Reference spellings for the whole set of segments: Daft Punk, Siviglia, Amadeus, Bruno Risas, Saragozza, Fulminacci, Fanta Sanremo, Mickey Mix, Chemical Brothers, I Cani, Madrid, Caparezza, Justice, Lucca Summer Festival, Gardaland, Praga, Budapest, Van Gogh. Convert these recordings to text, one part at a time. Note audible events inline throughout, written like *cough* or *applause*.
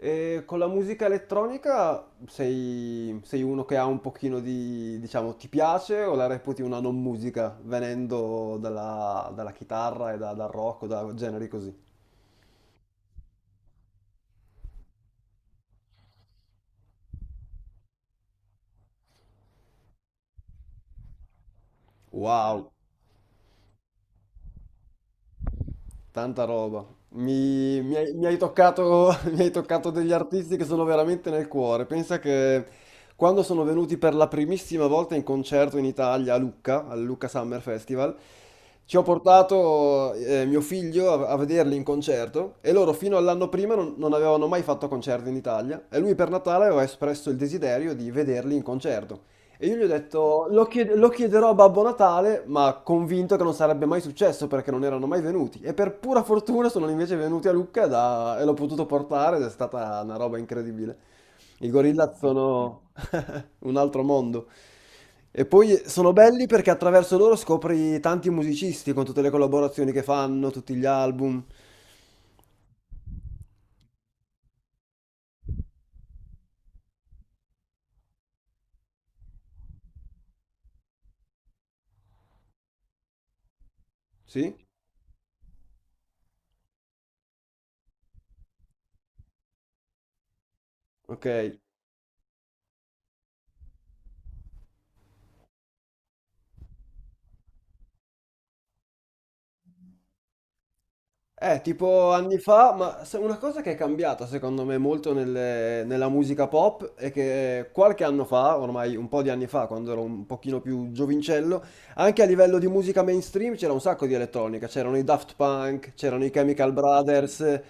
E con la musica elettronica sei uno che ha un pochino diciamo, ti piace o la reputi una non musica, venendo dalla chitarra e dal rock o da generi così? Wow. Tanta roba. Mi hai toccato, *laughs* mi hai toccato degli artisti che sono veramente nel cuore. Pensa che quando sono venuti per la primissima volta in concerto in Italia a Lucca, al Lucca Summer Festival, ci ho portato mio figlio a vederli in concerto e loro fino all'anno prima non avevano mai fatto concerti in Italia e lui per Natale aveva espresso il desiderio di vederli in concerto. E io gli ho detto, lo chiederò a Babbo Natale, ma convinto che non sarebbe mai successo perché non erano mai venuti. E per pura fortuna sono invece venuti a Lucca e l'ho potuto portare ed è stata una roba incredibile. I gorilla sono *laughs* un altro mondo. E poi sono belli perché attraverso loro scopri tanti musicisti con tutte le collaborazioni che fanno, tutti gli album. Sì? Ok. Tipo anni fa, ma una cosa che è cambiata secondo me molto nella musica pop è che qualche anno fa, ormai un po' di anni fa, quando ero un pochino più giovincello, anche a livello di musica mainstream c'era un sacco di elettronica, c'erano i Daft Punk, c'erano i Chemical Brothers,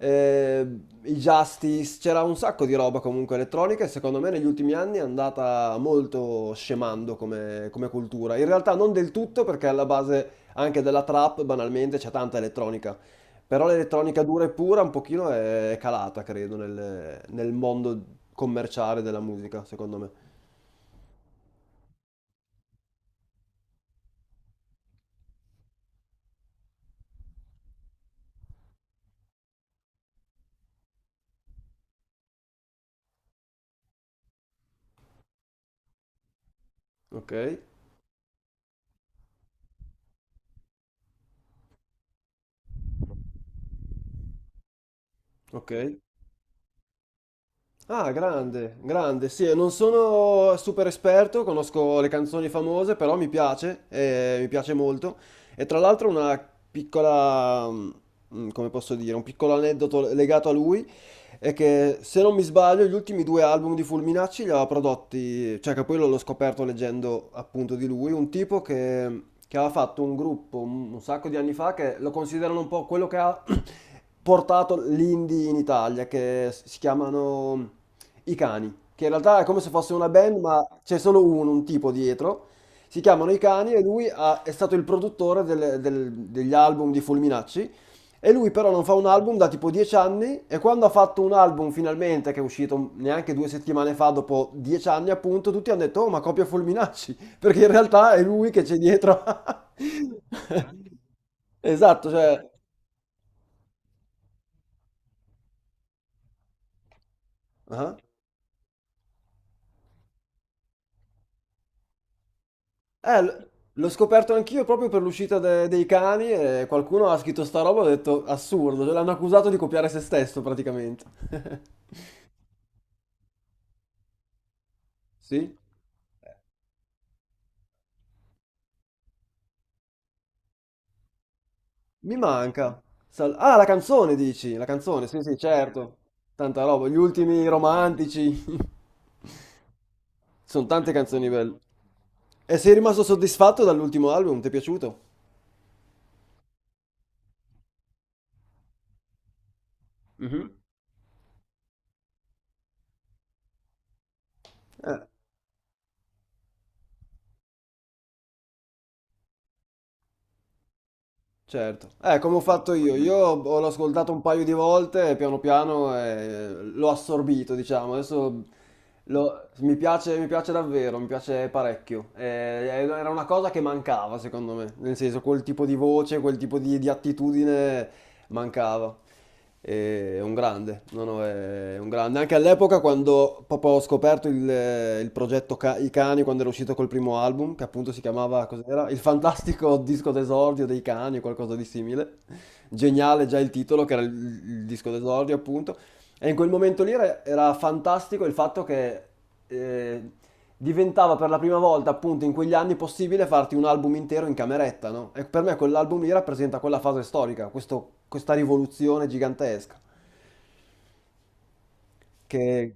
eh, i Justice, c'era un sacco di roba comunque elettronica e secondo me negli ultimi anni è andata molto scemando come, come cultura. In realtà non del tutto perché alla base anche della trap banalmente c'è tanta elettronica. Però l'elettronica dura e pura un pochino è calata, credo, nel mondo commerciale della musica, secondo me. Ok, ok. Ah, grande, grande. Sì, non sono super esperto, conosco le canzoni famose, però mi piace molto. E tra l'altro una piccola, come posso dire, un piccolo aneddoto legato a lui. È che se non mi sbaglio gli ultimi due album di Fulminacci li aveva prodotti, cioè che poi l'ho scoperto leggendo appunto di lui, un tipo che aveva fatto un gruppo un sacco di anni fa che lo considerano un po' quello che ha *clears throat* portato l'indie in Italia, che si chiamano I Cani, che in realtà è come se fosse una band ma c'è solo uno, un tipo dietro. Si chiamano I Cani e è stato il produttore degli album di Fulminacci e lui però non fa un album da tipo 10 anni e quando ha fatto un album finalmente, che è uscito neanche due settimane fa, dopo 10 anni appunto, tutti hanno detto, oh ma copia Fulminacci, *laughs* perché in realtà è lui che c'è dietro. *laughs* Esatto, cioè... Ah. L'ho scoperto anch'io proprio per l'uscita dei cani e qualcuno ha scritto sta roba e ho detto, assurdo, cioè, l'hanno accusato di copiare se stesso praticamente. *laughs* Sì? Mi manca. Ah, la canzone dici? La canzone, sì, sì, certo. Tanta roba. Gli ultimi romantici. *laughs* Sono tante canzoni belle. E sei rimasto soddisfatto dall'ultimo album? Ti è piaciuto? Eh. Certo, come ho fatto io, l'ho ascoltato un paio di volte e piano piano l'ho assorbito, diciamo, adesso mi piace davvero, mi piace parecchio. Era una cosa che mancava secondo me, nel senso quel tipo di voce, quel tipo di attitudine mancava. E è un grande, no, no, è un grande. Anche all'epoca quando proprio ho scoperto I Cani, quando era uscito col primo album, che appunto si chiamava, cos'era? Il fantastico disco d'esordio dei cani o qualcosa di simile. Geniale già il titolo, che era il disco d'esordio appunto. E in quel momento lì era fantastico il fatto che eh, diventava per la prima volta appunto in quegli anni possibile farti un album intero in cameretta, no? E per me quell'album lì rappresenta quella fase storica, questa rivoluzione gigantesca che,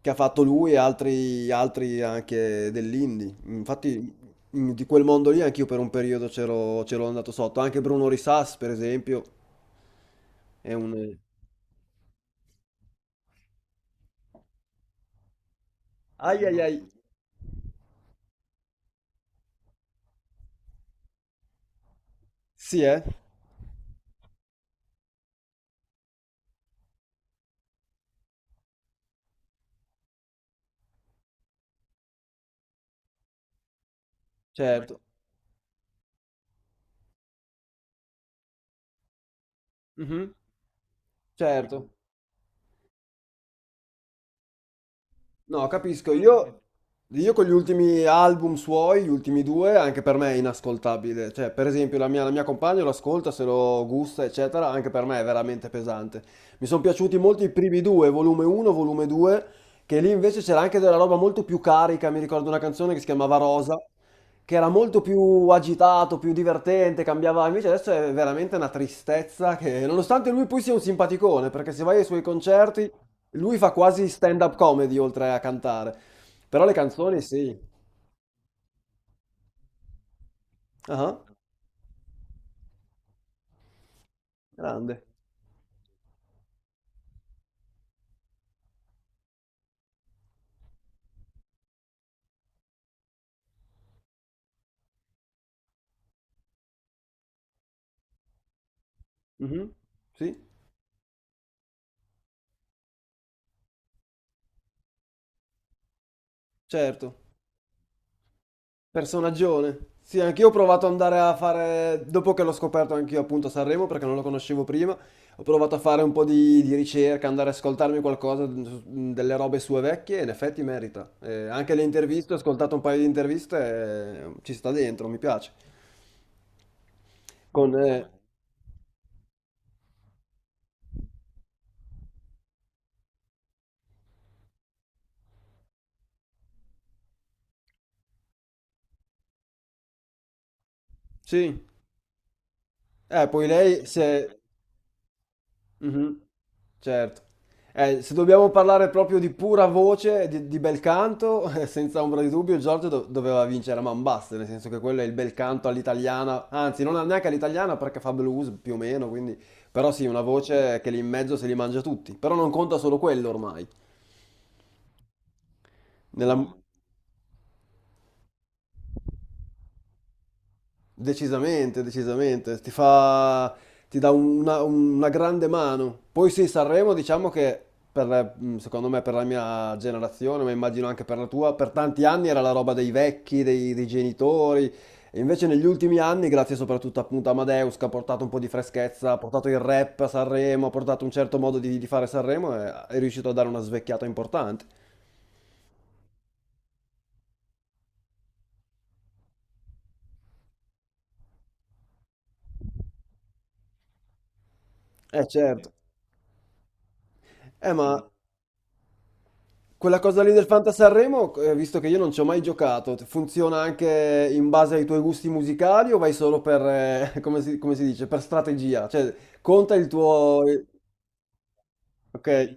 che ha fatto lui e altri, altri anche dell'indie. Infatti di quel mondo lì anch'io per un periodo c'ero andato sotto, anche Bruno Risas per esempio è un... Ai ai ai, sì certo, mhm, certo. No, capisco. Io con gli ultimi album suoi, gli ultimi due, anche per me è inascoltabile. Cioè, per esempio, la mia compagna lo ascolta, se lo gusta, eccetera, anche per me è veramente pesante. Mi sono piaciuti molto i primi due, volume 1, volume 2, che lì invece c'era anche della roba molto più carica. Mi ricordo una canzone che si chiamava Rosa, che era molto più agitato, più divertente, cambiava. Invece adesso è veramente una tristezza che, nonostante lui poi sia un simpaticone, perché se vai ai suoi concerti... Lui fa quasi stand-up comedy oltre a cantare, però le canzoni sì. Ah, grande. Mhm. Sì, certo. Personaggione. Sì, anch'io ho provato ad andare a fare, dopo che l'ho scoperto anch'io appunto a Sanremo, perché non lo conoscevo prima, ho provato a fare un po' di ricerca, andare ad ascoltarmi qualcosa, delle robe sue vecchie, e in effetti merita. Anche le interviste, ho ascoltato un paio di interviste, e ci sta dentro, mi piace. Con... sì. Poi lei si è... Mhm, certo. Se dobbiamo parlare proprio di pura voce, di bel canto, *laughs* senza ombra di dubbio, doveva vincere a man basse, nel senso che quello è il bel canto all'italiana, anzi non neanche all'italiana perché fa blues più o meno, quindi... Però sì, una voce che lì in mezzo se li mangia tutti, però non conta solo quello ormai. Nella, no. Decisamente, decisamente, ti fa, ti dà una grande mano. Poi sì, Sanremo diciamo che per, secondo me per la mia generazione, ma immagino anche per la tua, per tanti anni era la roba dei vecchi, dei genitori. E invece negli ultimi anni, grazie soprattutto appunto a Amadeus, che ha portato un po' di freschezza, ha portato il rap a Sanremo, ha portato un certo modo di fare Sanremo, e è riuscito a dare una svecchiata importante. Eh certo. Ma... Quella cosa lì del Fanta Sanremo, visto che io non ci ho mai giocato, funziona anche in base ai tuoi gusti musicali o vai solo per, *laughs* come si dice, per strategia? Cioè, conta il tuo... il- Ok.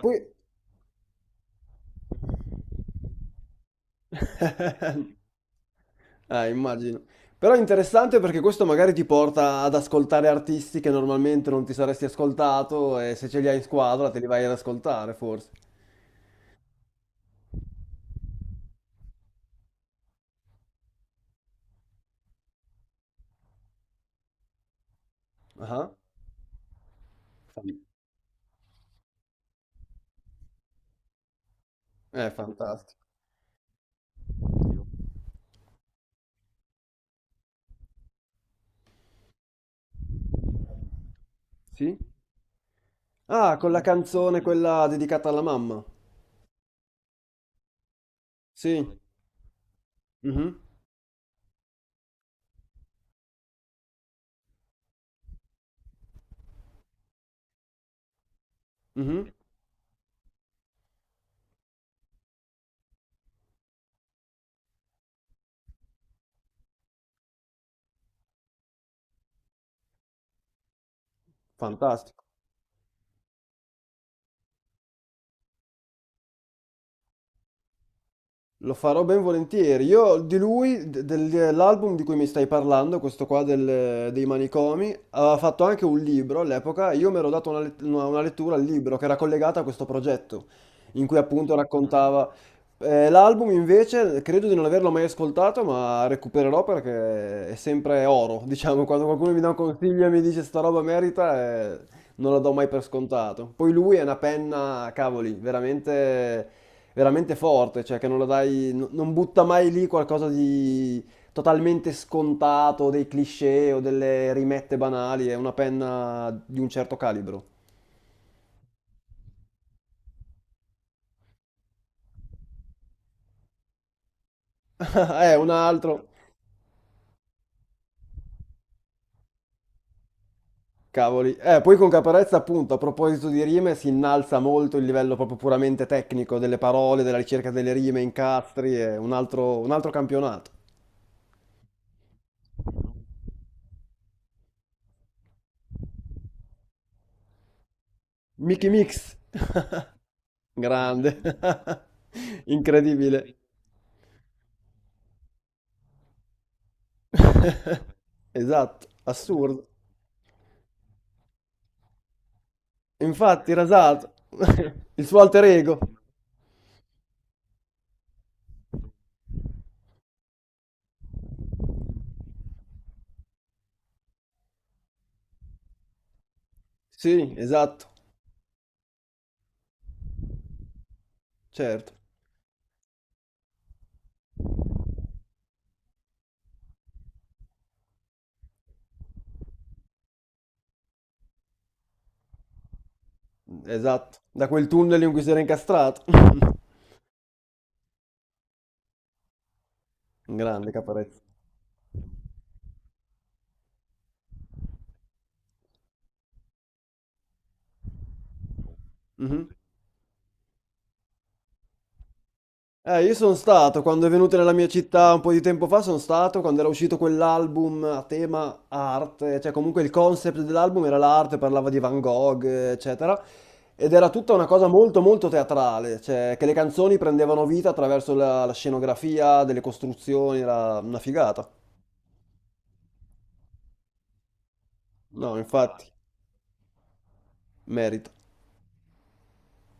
Poi... *laughs* immagino. Però è interessante perché questo magari ti porta ad ascoltare artisti che normalmente non ti saresti ascoltato e se ce li hai in squadra te li vai ad ascoltare, forse. Ah, fan- eh, fantastico. Sì? Ah, con la canzone quella dedicata alla mamma. Sì. Mhm, mhm. Fantastico. Lo farò ben volentieri. Io di lui, dell'album di cui mi stai parlando, questo qua dei manicomi, aveva fatto anche un libro all'epoca. Io mi ero dato una lettura al libro che era collegata a questo progetto, in cui appunto raccontava. L'album invece credo di non averlo mai ascoltato, ma recupererò perché è sempre oro. Diciamo, quando qualcuno mi dà un consiglio e mi dice sta roba merita, non la do mai per scontato. Poi lui è una penna, cavoli, veramente, veramente forte, cioè che non la dai, non butta mai lì qualcosa di totalmente scontato, dei cliché o delle rimette banali, è una penna di un certo calibro. *laughs* Un altro. Cavoli. Poi con Caparezza, appunto, a proposito di rime, si innalza molto il livello proprio puramente tecnico delle parole, della ricerca delle rime, incastri, è un altro campionato. Mickey Mix. *laughs* Grande, *laughs* incredibile. *laughs* Esatto, assurdo. Infatti, rasato. *laughs* Il suo alter ego. Sì, esatto, certo, esatto. Da quel tunnel in cui si era incastrato. *laughs* Grande Caparezza. Mhm. Io sono stato, quando è venuto nella mia città un po' di tempo fa, sono stato, quando era uscito quell'album a tema arte, cioè comunque il concept dell'album era l'arte, parlava di Van Gogh, eccetera, ed era tutta una cosa molto molto teatrale, cioè che le canzoni prendevano vita attraverso la scenografia, delle costruzioni, era una figata. No, infatti, merita.